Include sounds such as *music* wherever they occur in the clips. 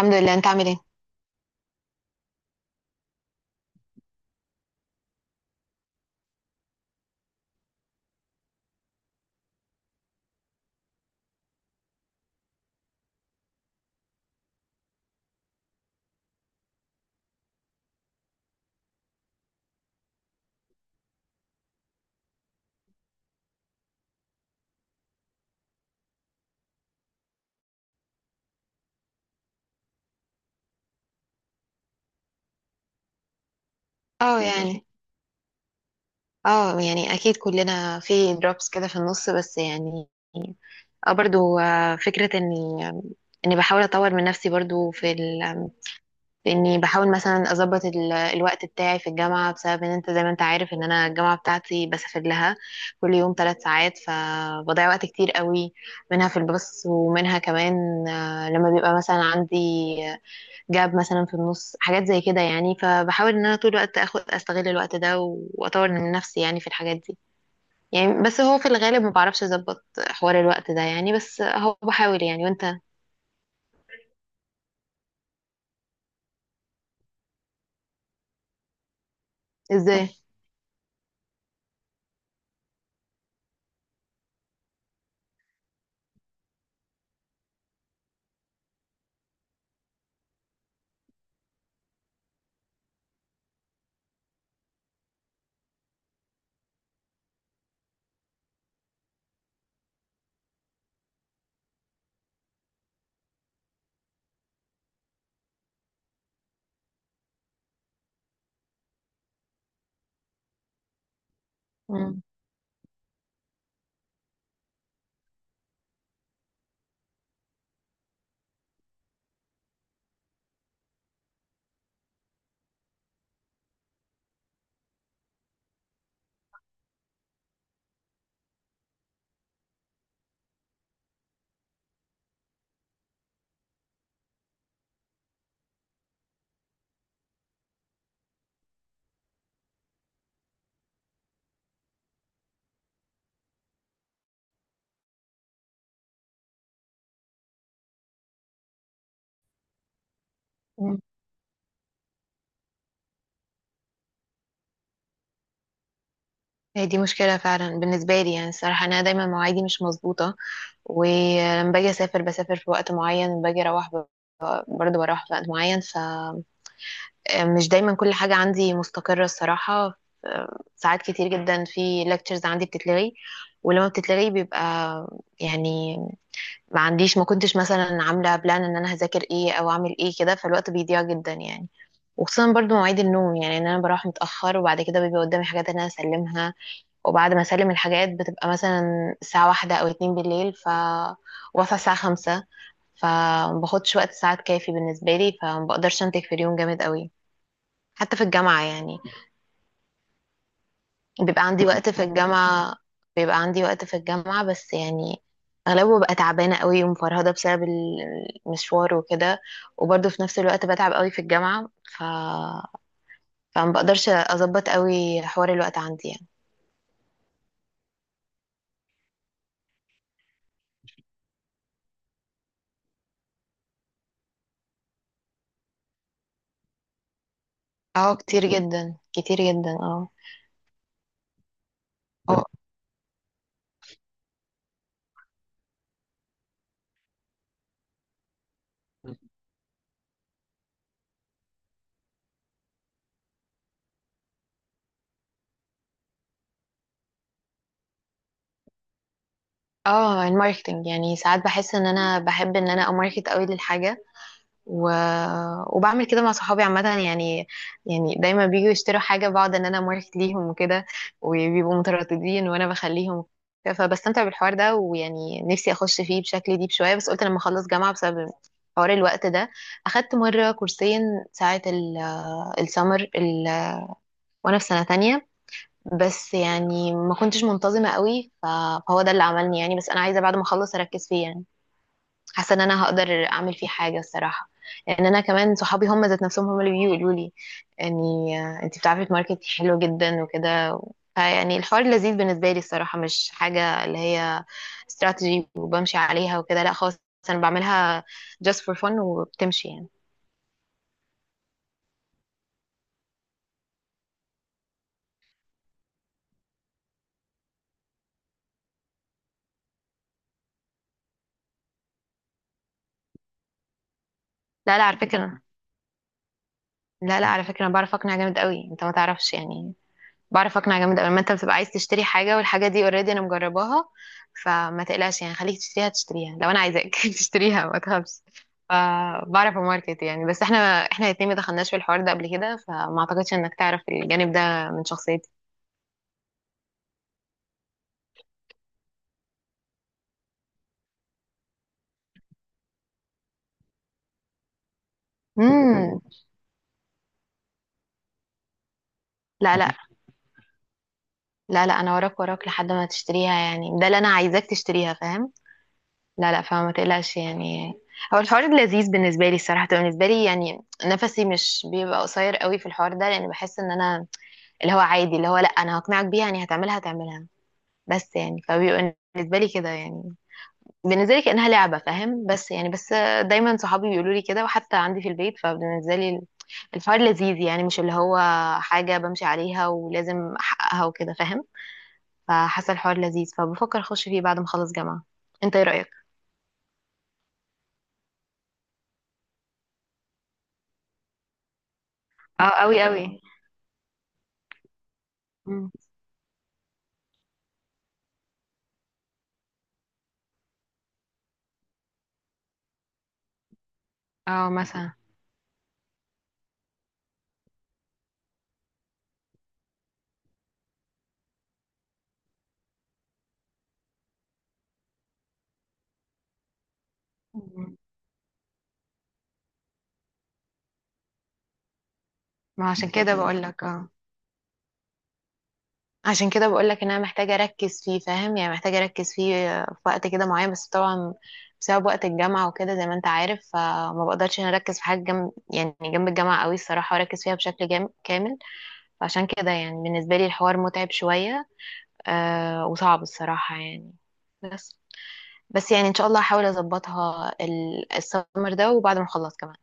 الحمد لله. انت عامل ايه؟ اه يعني اه يعني اكيد كلنا في دروبس كده في النص، بس يعني اه برضو، فكرة اني بحاول اطور من نفسي برضو في اني بحاول مثلا اظبط الوقت بتاعي في الجامعة، بسبب ان انت زي ما انت عارف ان انا الجامعة بتاعتي بسافر لها كل يوم 3 ساعات، فبضيع وقت كتير قوي، منها في الباص ومنها كمان لما بيبقى مثلا عندي جاب مثلا في النص حاجات زي كده يعني. فبحاول ان انا طول الوقت استغل الوقت ده و- واطور من نفسي يعني في الحاجات دي، يعني بس هو في الغالب ما بعرفش اظبط حوار الوقت ده يعني، بس هو بحاول يعني. وانت؟ ازاي؟ *laughs* مم. مم. هي دي مشكلة فعلا بالنسبة لي يعني. الصراحة أنا دايما مواعيدي مش مظبوطة، ولما باجي أسافر بسافر في وقت معين، لما باجي أروح برضه بروح في وقت معين. ف مش دايما كل حاجة عندي مستقرة الصراحة. ساعات كتير جدا في lectures عندي بتتلغي، ولما بتتلغي بيبقى يعني، ما عنديش، ما كنتش مثلا عاملة بلان ان انا هذاكر ايه او اعمل ايه كده، فالوقت بيضيع جدا يعني. وخصوصا برضو مواعيد النوم، يعني ان انا بروح متأخر، وبعد كده بيبقى قدامي حاجات ان انا اسلمها، وبعد ما اسلم الحاجات بتبقى مثلا الساعة 1 او 2 بالليل، ف واصحى الساعة 5. فمباخدش وقت ساعات كافي بالنسبة لي، فمبقدرش انتج في اليوم جامد قوي حتى في الجامعة يعني. بيبقى عندي وقت في الجامعة بيبقى عندي وقت في الجامعة بس يعني أغلبه ببقى تعبانة قوي ومفرهدة بسبب المشوار وكده، وبرضه في نفس الوقت بتعب قوي في الجامعة. ف... فما بقدرش أظبط قوي حوار الوقت عندي يعني. اه كتير جدا، كتير جدا، اه. هو- اه، الماركتنج. يعني ساعات بحس ان انا بحب ان انا اماركت قوي للحاجة، و... وبعمل كده مع صحابي عامة يعني. يعني دايما بيجوا يشتروا حاجة بقعد ان انا ماركت ليهم وكده، وبيبقوا مترددين وانا بخليهم وكده. فبستمتع بالحوار ده، ويعني نفسي اخش فيه بشكل ديب شوية، بس قلت لما اخلص جامعة بسبب حوار الوقت ده. اخدت مرة كورسين ساعة السمر، وانا في سنة تانية، بس يعني ما كنتش منتظمة قوي. فهو ده اللي عملني يعني. بس انا عايزة بعد ما اخلص اركز فيه يعني، حاسه ان انا هقدر اعمل فيه حاجه الصراحه، لان انا كمان صحابي هم ذات نفسهم هم اللي بيقولوا لي يعني، انت بتعرفي تماركتي حلو جدا وكده. فيعني الحوار لذيذ بالنسبه لي الصراحه، مش حاجه اللي هي استراتيجي وبمشي عليها وكده، لا خالص. انا بعملها just for fun وبتمشي يعني. لا لا، على فكره، انا بعرف اقنع جامد قوي، انت ما تعرفش يعني. بعرف اقنع جامد قوي، لما انت بتبقى عايز تشتري حاجه والحاجه دي اوريدي انا مجرباها، فما تقلقش يعني. خليك تشتريها، تشتريها، لو انا عايزاك *laughs* تشتريها ما تخافش. فبعرف اماركت يعني. بس احنا الاتنين ما دخلناش في الحوار ده قبل كده، فما اعتقدش انك تعرف الجانب ده من شخصيتي. امم. لا لا. لا لا، انا وراك وراك لحد ما تشتريها يعني، ده اللي انا عايزاك تشتريها فاهم؟ لا لا، فما تقلقش يعني. هو الحوار لذيذ بالنسبه لي الصراحه، بالنسبه لي يعني نفسي مش بيبقى قصير قوي في الحوار ده، لان بحس ان انا اللي هو عادي، اللي هو لا انا هقنعك بيها يعني، هتعملها هتعملها. بس يعني فبيبقى بالنسبه لي كده يعني، بالنسبه لي كانها لعبه فاهم؟ بس يعني، دايما صحابي بيقولوا لي كده، وحتى عندي في البيت. فبالنسبه لي الحوار لذيذ يعني، مش اللي هو حاجه بمشي عليها ولازم احققها وكده فاهم؟ فحاسه الحوار لذيذ، فبفكر اخش فيه بعد ما اخلص جامعه. انت ايه رايك؟ اه، قوي قوي. مم. اه مثلا. مم. ما عشان كده بقول لك، اه عشان كده بقول لك ان انا محتاجه اركز فيه فاهم؟ يعني محتاجه اركز فيه في وقت كده معين. بس طبعا بسبب وقت الجامعه وكده زي ما انت عارف، فما بقدرش ان أنا اركز في حاجه جنب يعني جنب الجامعه قوي الصراحه، واركز فيها بشكل كامل. فعشان كده يعني بالنسبه لي الحوار متعب شويه، آه وصعب الصراحه يعني. بس بس يعني ان شاء الله هحاول اظبطها السمر ده، وبعد ما اخلص كمان.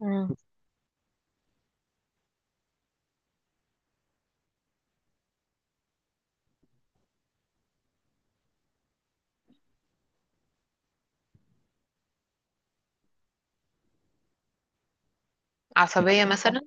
امم. عصبيه مثلا؟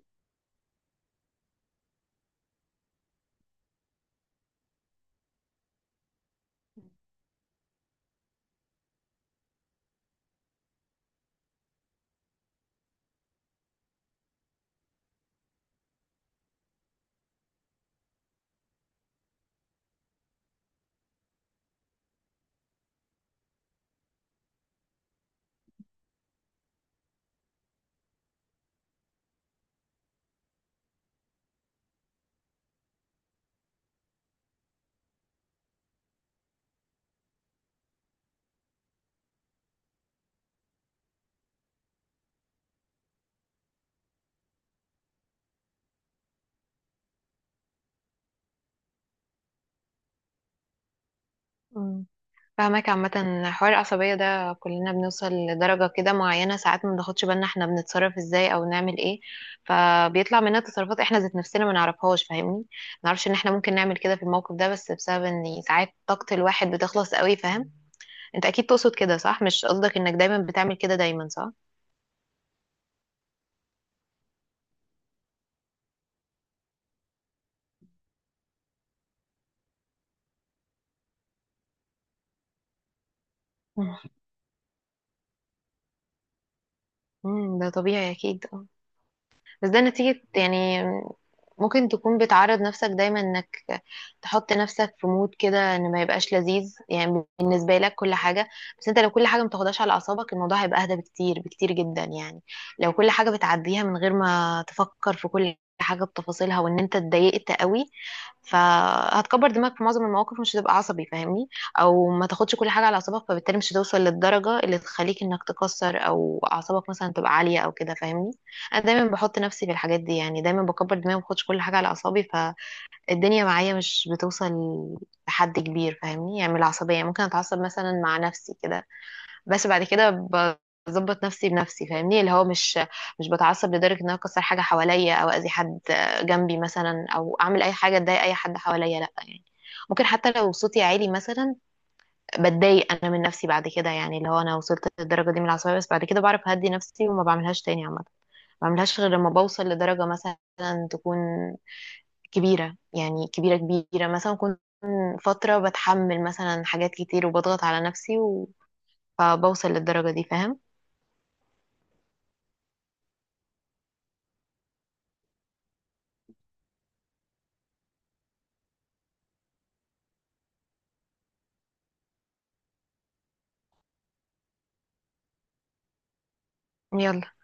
فاهمك عامة. حوار العصبية ده كلنا بنوصل لدرجة كده معينة، ساعات ما بناخدش بالنا احنا بنتصرف ازاي او نعمل ايه، فبيطلع مننا تصرفات احنا ذات نفسنا ما نعرفهاش فاهمني. ما نعرفش ان احنا ممكن نعمل كده في الموقف ده، بس بسبب ان ساعات طاقة الواحد بتخلص قوي فاهم؟ انت اكيد تقصد كده صح، مش قصدك انك دايما بتعمل كده دايما صح؟ *laughs* مم. مم، ده طبيعي اكيد. بس ده نتيجة يعني، ممكن تكون بتعرض نفسك دايما انك تحط نفسك في مود كده ان ما يبقاش لذيذ يعني بالنسبة لك كل حاجة. بس انت لو كل حاجة ما تاخدهاش على اعصابك، الموضوع هيبقى اهدى بكتير، بكتير جدا يعني. لو كل حاجة بتعديها من غير ما تفكر في كل حاجة بتفاصيلها وان انت اتضايقت قوي، فهتكبر دماغك في معظم المواقف، مش هتبقى عصبي فاهمني؟ او ما تاخدش كل حاجه على اعصابك، فبالتالي مش هتوصل للدرجه اللي تخليك انك تكسر، او اعصابك مثلا تبقى عاليه او كده فاهمني؟ انا دايما بحط نفسي في الحاجات دي يعني، دايما بكبر دماغي، ما باخدش كل حاجه على اعصابي، فالدنيا معايا مش بتوصل لحد كبير فاهمني؟ يعني من العصبيه ممكن اتعصب مثلا مع نفسي كده، بس بعد كده بظبط نفسي بنفسي فاهمني؟ اللي هو مش بتعصب لدرجة ان انا اكسر حاجة حواليا او اذي حد جنبي مثلا او اعمل اي حاجة تضايق اي حد حواليا، لا يعني. ممكن حتى لو صوتي عالي مثلا بتضايق انا من نفسي بعد كده، يعني اللي هو انا وصلت للدرجة دي من العصبية، بس بعد كده بعرف اهدي نفسي وما بعملهاش تاني عامة. ما بعملهاش غير لما بوصل لدرجة مثلا تكون كبيرة، يعني كبيرة كبيرة، مثلا كنت فترة بتحمل مثلا حاجات كتير وبضغط على نفسي، فبوصل للدرجة دي فاهم؟ يلا.